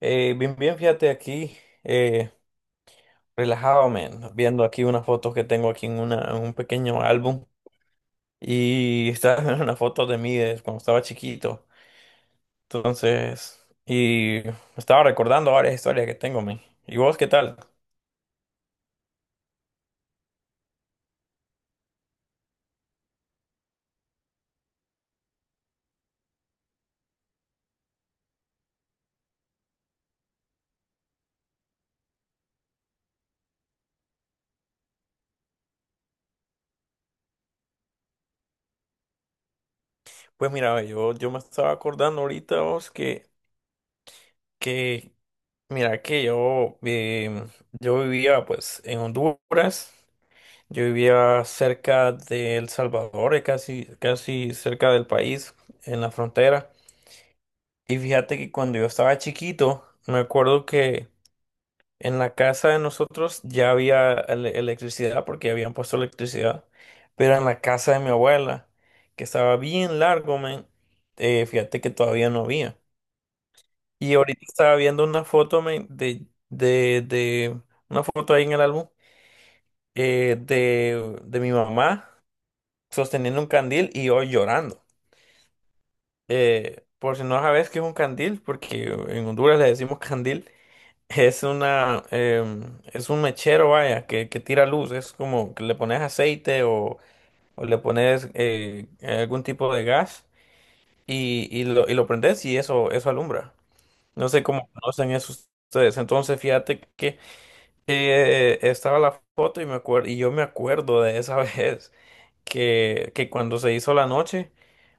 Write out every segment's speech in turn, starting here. Bien, bien, fíjate aquí, eh, relajado, man, viendo aquí unas fotos que tengo aquí en un pequeño álbum y está una foto de mí de cuando estaba chiquito. Entonces, y me estaba recordando varias historias que tengo, man. ¿Y vos qué tal? Pues mira, ve, yo me estaba acordando ahorita, vos, que mira, que yo, yo vivía pues en Honduras. Yo vivía cerca de El Salvador, casi, casi cerca del país, en la frontera. Y fíjate que cuando yo estaba chiquito, me acuerdo que en la casa de nosotros ya había electricidad, porque habían puesto electricidad. Pero en la casa de mi abuela, que estaba bien largo, men, fíjate que todavía no había. Y ahorita estaba viendo una foto, men, una foto ahí en el álbum, de mi mamá, sosteniendo un candil y hoy llorando. Por si no sabes qué es un candil, porque en Honduras le decimos candil, es una, es un mechero, vaya, que tira luz, es como que le pones aceite o le pones algún tipo de gas y, y lo prendes y eso alumbra. No sé cómo conocen eso ustedes. Entonces, fíjate que estaba la foto y me acuerdo, y yo me acuerdo de esa vez. Que cuando se hizo la noche,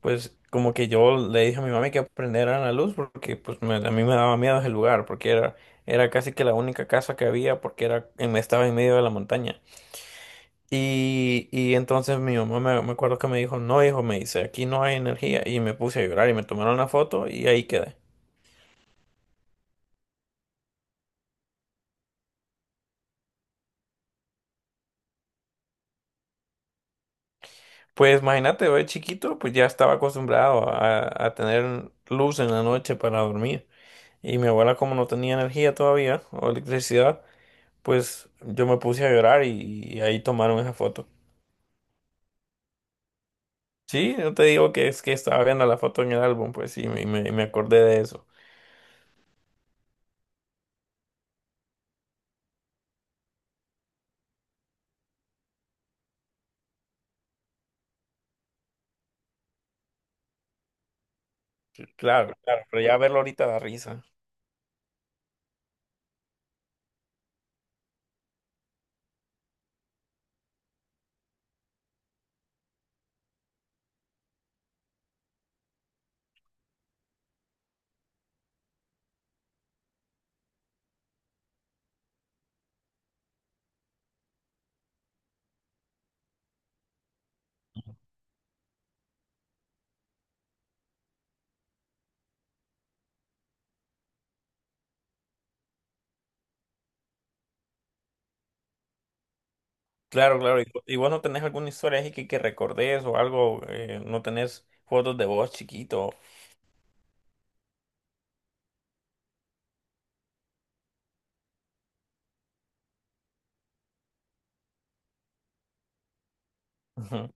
pues como que yo le dije a mi mami que prendiera la luz porque a mí me daba miedo ese lugar porque era, era casi que la única casa que había porque estaba en medio de la montaña. Y entonces mi mamá me acuerdo que me dijo, no hijo, me dice, aquí no hay energía, y me puse a llorar y me tomaron una foto y ahí quedé. Pues imagínate, yo de chiquito pues ya estaba acostumbrado a tener luz en la noche para dormir, y mi abuela como no tenía energía todavía o electricidad, pues yo me puse a llorar y ahí tomaron esa foto. Sí, no te digo que es que estaba viendo la foto en el álbum, pues sí, me acordé de eso. Claro, claro, pero ya verlo ahorita da risa. Claro, claro, y, y vos no tenés alguna historia así que recordés o algo, no tenés fotos de vos chiquito. Ujú.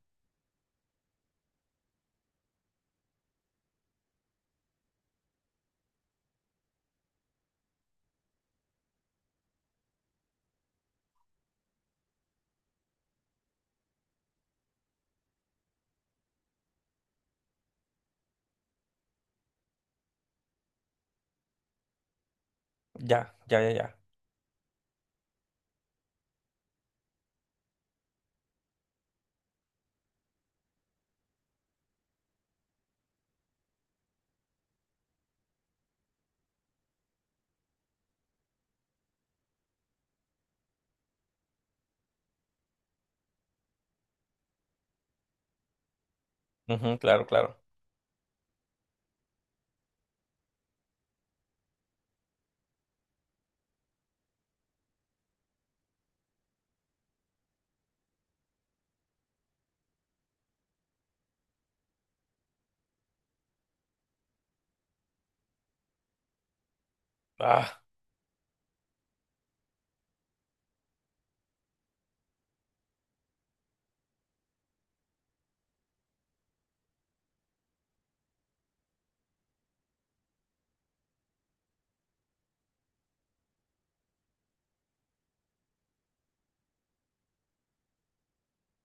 Ya, ya, ya, ya. Ujú, claro, claro. Ah,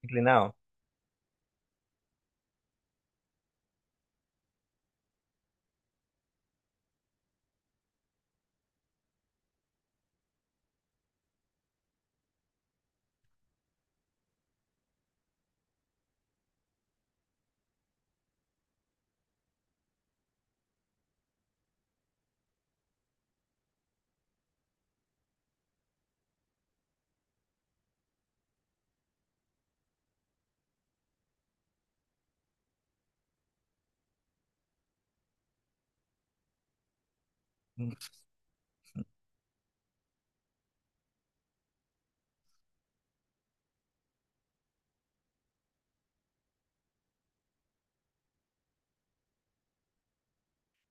inclinado.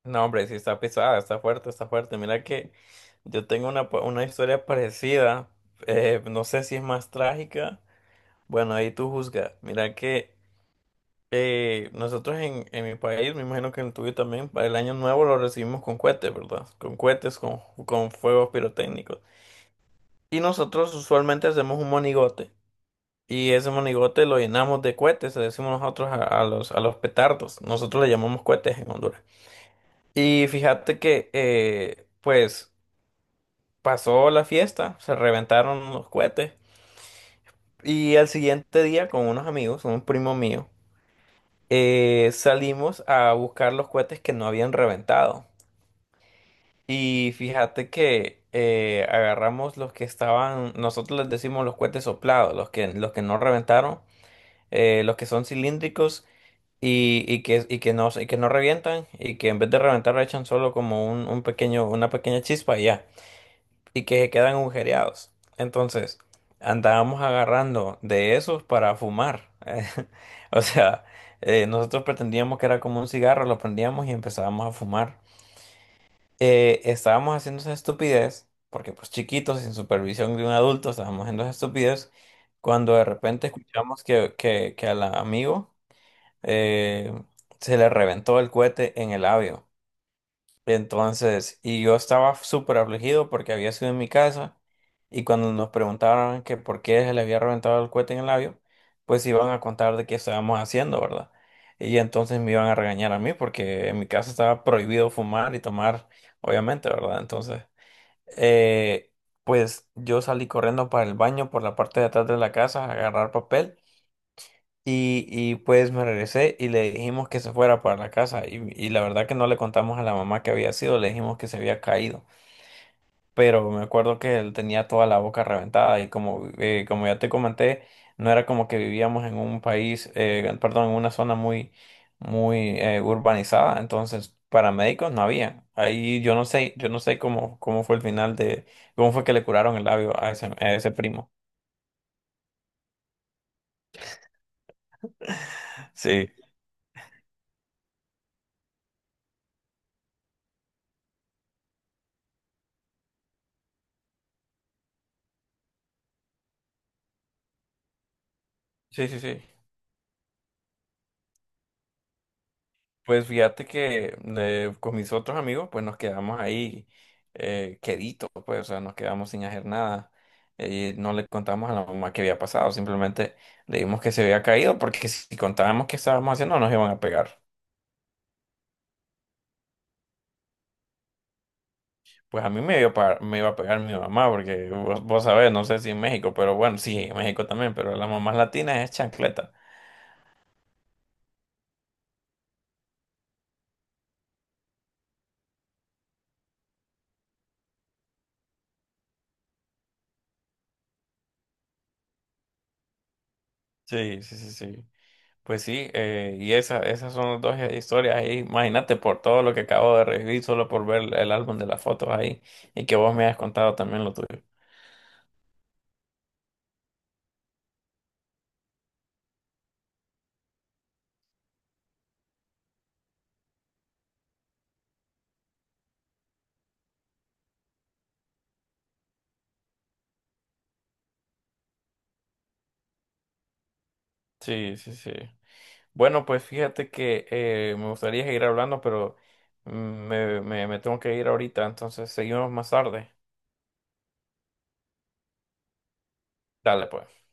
No, hombre, sí está pesada, está fuerte, está fuerte. Mira que yo tengo una historia parecida, no sé si es más trágica. Bueno, ahí tú juzgas. Mira que nosotros en mi país, me imagino que en el tuyo también, para el año nuevo lo recibimos con cohetes, ¿verdad? Con cohetes, con fuegos pirotécnicos. Y nosotros usualmente hacemos un monigote. Y ese monigote lo llenamos de cohetes, le decimos nosotros a los petardos. Nosotros le llamamos cohetes en Honduras. Y fíjate que, pues, pasó la fiesta, se reventaron los cohetes. Y al siguiente día, con unos amigos, un primo mío. Salimos a buscar los cohetes que no habían reventado. Y fíjate que agarramos los que estaban, nosotros les decimos los cohetes soplados, los que no reventaron, los que son cilíndricos y, y que no revientan y que en vez de reventar echan solo como un pequeño, una pequeña chispa y ya, y que se quedan agujereados. Entonces, andábamos agarrando de esos para fumar. O sea, nosotros pretendíamos que era como un cigarro, lo prendíamos y empezábamos a fumar. Estábamos haciendo esa estupidez, porque pues chiquitos, sin supervisión de un adulto, estábamos haciendo esa estupidez, cuando de repente escuchamos que al amigo eh, se le reventó el cohete en el labio. Entonces, y yo estaba súper afligido porque había sido en mi casa, y cuando nos preguntaron que por qué se le había reventado el cohete en el labio, pues iban a contar de qué estábamos haciendo, ¿verdad? Y entonces me iban a regañar a mí porque en mi casa estaba prohibido fumar y tomar, obviamente, ¿verdad? Entonces, eh, pues yo salí corriendo para el baño por la parte de atrás de la casa a agarrar papel. Y pues me regresé y le dijimos que se fuera para la casa. Y la verdad que no le contamos a la mamá que había sido, le dijimos que se había caído. Pero me acuerdo que él tenía toda la boca reventada y como, como ya te comenté, no era como que vivíamos en un país, perdón, en una zona muy, muy urbanizada. Entonces, paramédicos no había. Ahí yo no sé cómo, cómo fue el final de, cómo fue que le curaron el labio a ese primo. Sí. Sí, sí, sí. Pues fíjate que con mis otros amigos, pues nos quedamos ahí queditos, pues, o sea, nos quedamos sin hacer nada. No le contamos a la mamá que había pasado, simplemente le dimos que se había caído, porque si contábamos qué estábamos haciendo, nos iban a pegar. Pues a mí me iba a pegar, me iba a pegar mi mamá, porque vos, vos sabés, no sé si en México, pero bueno, sí, en México también, pero las mamás latinas es chancleta. Sí, sí, sí, sí. Pues sí, y esa, esas son las dos historias ahí. Imagínate por todo lo que acabo de revivir solo por ver el álbum de las fotos ahí y que vos me has contado también lo tuyo. Sí, sí, sí. Bueno, pues fíjate que me gustaría seguir hablando, pero me tengo que ir ahorita, entonces seguimos más tarde. Dale, pues.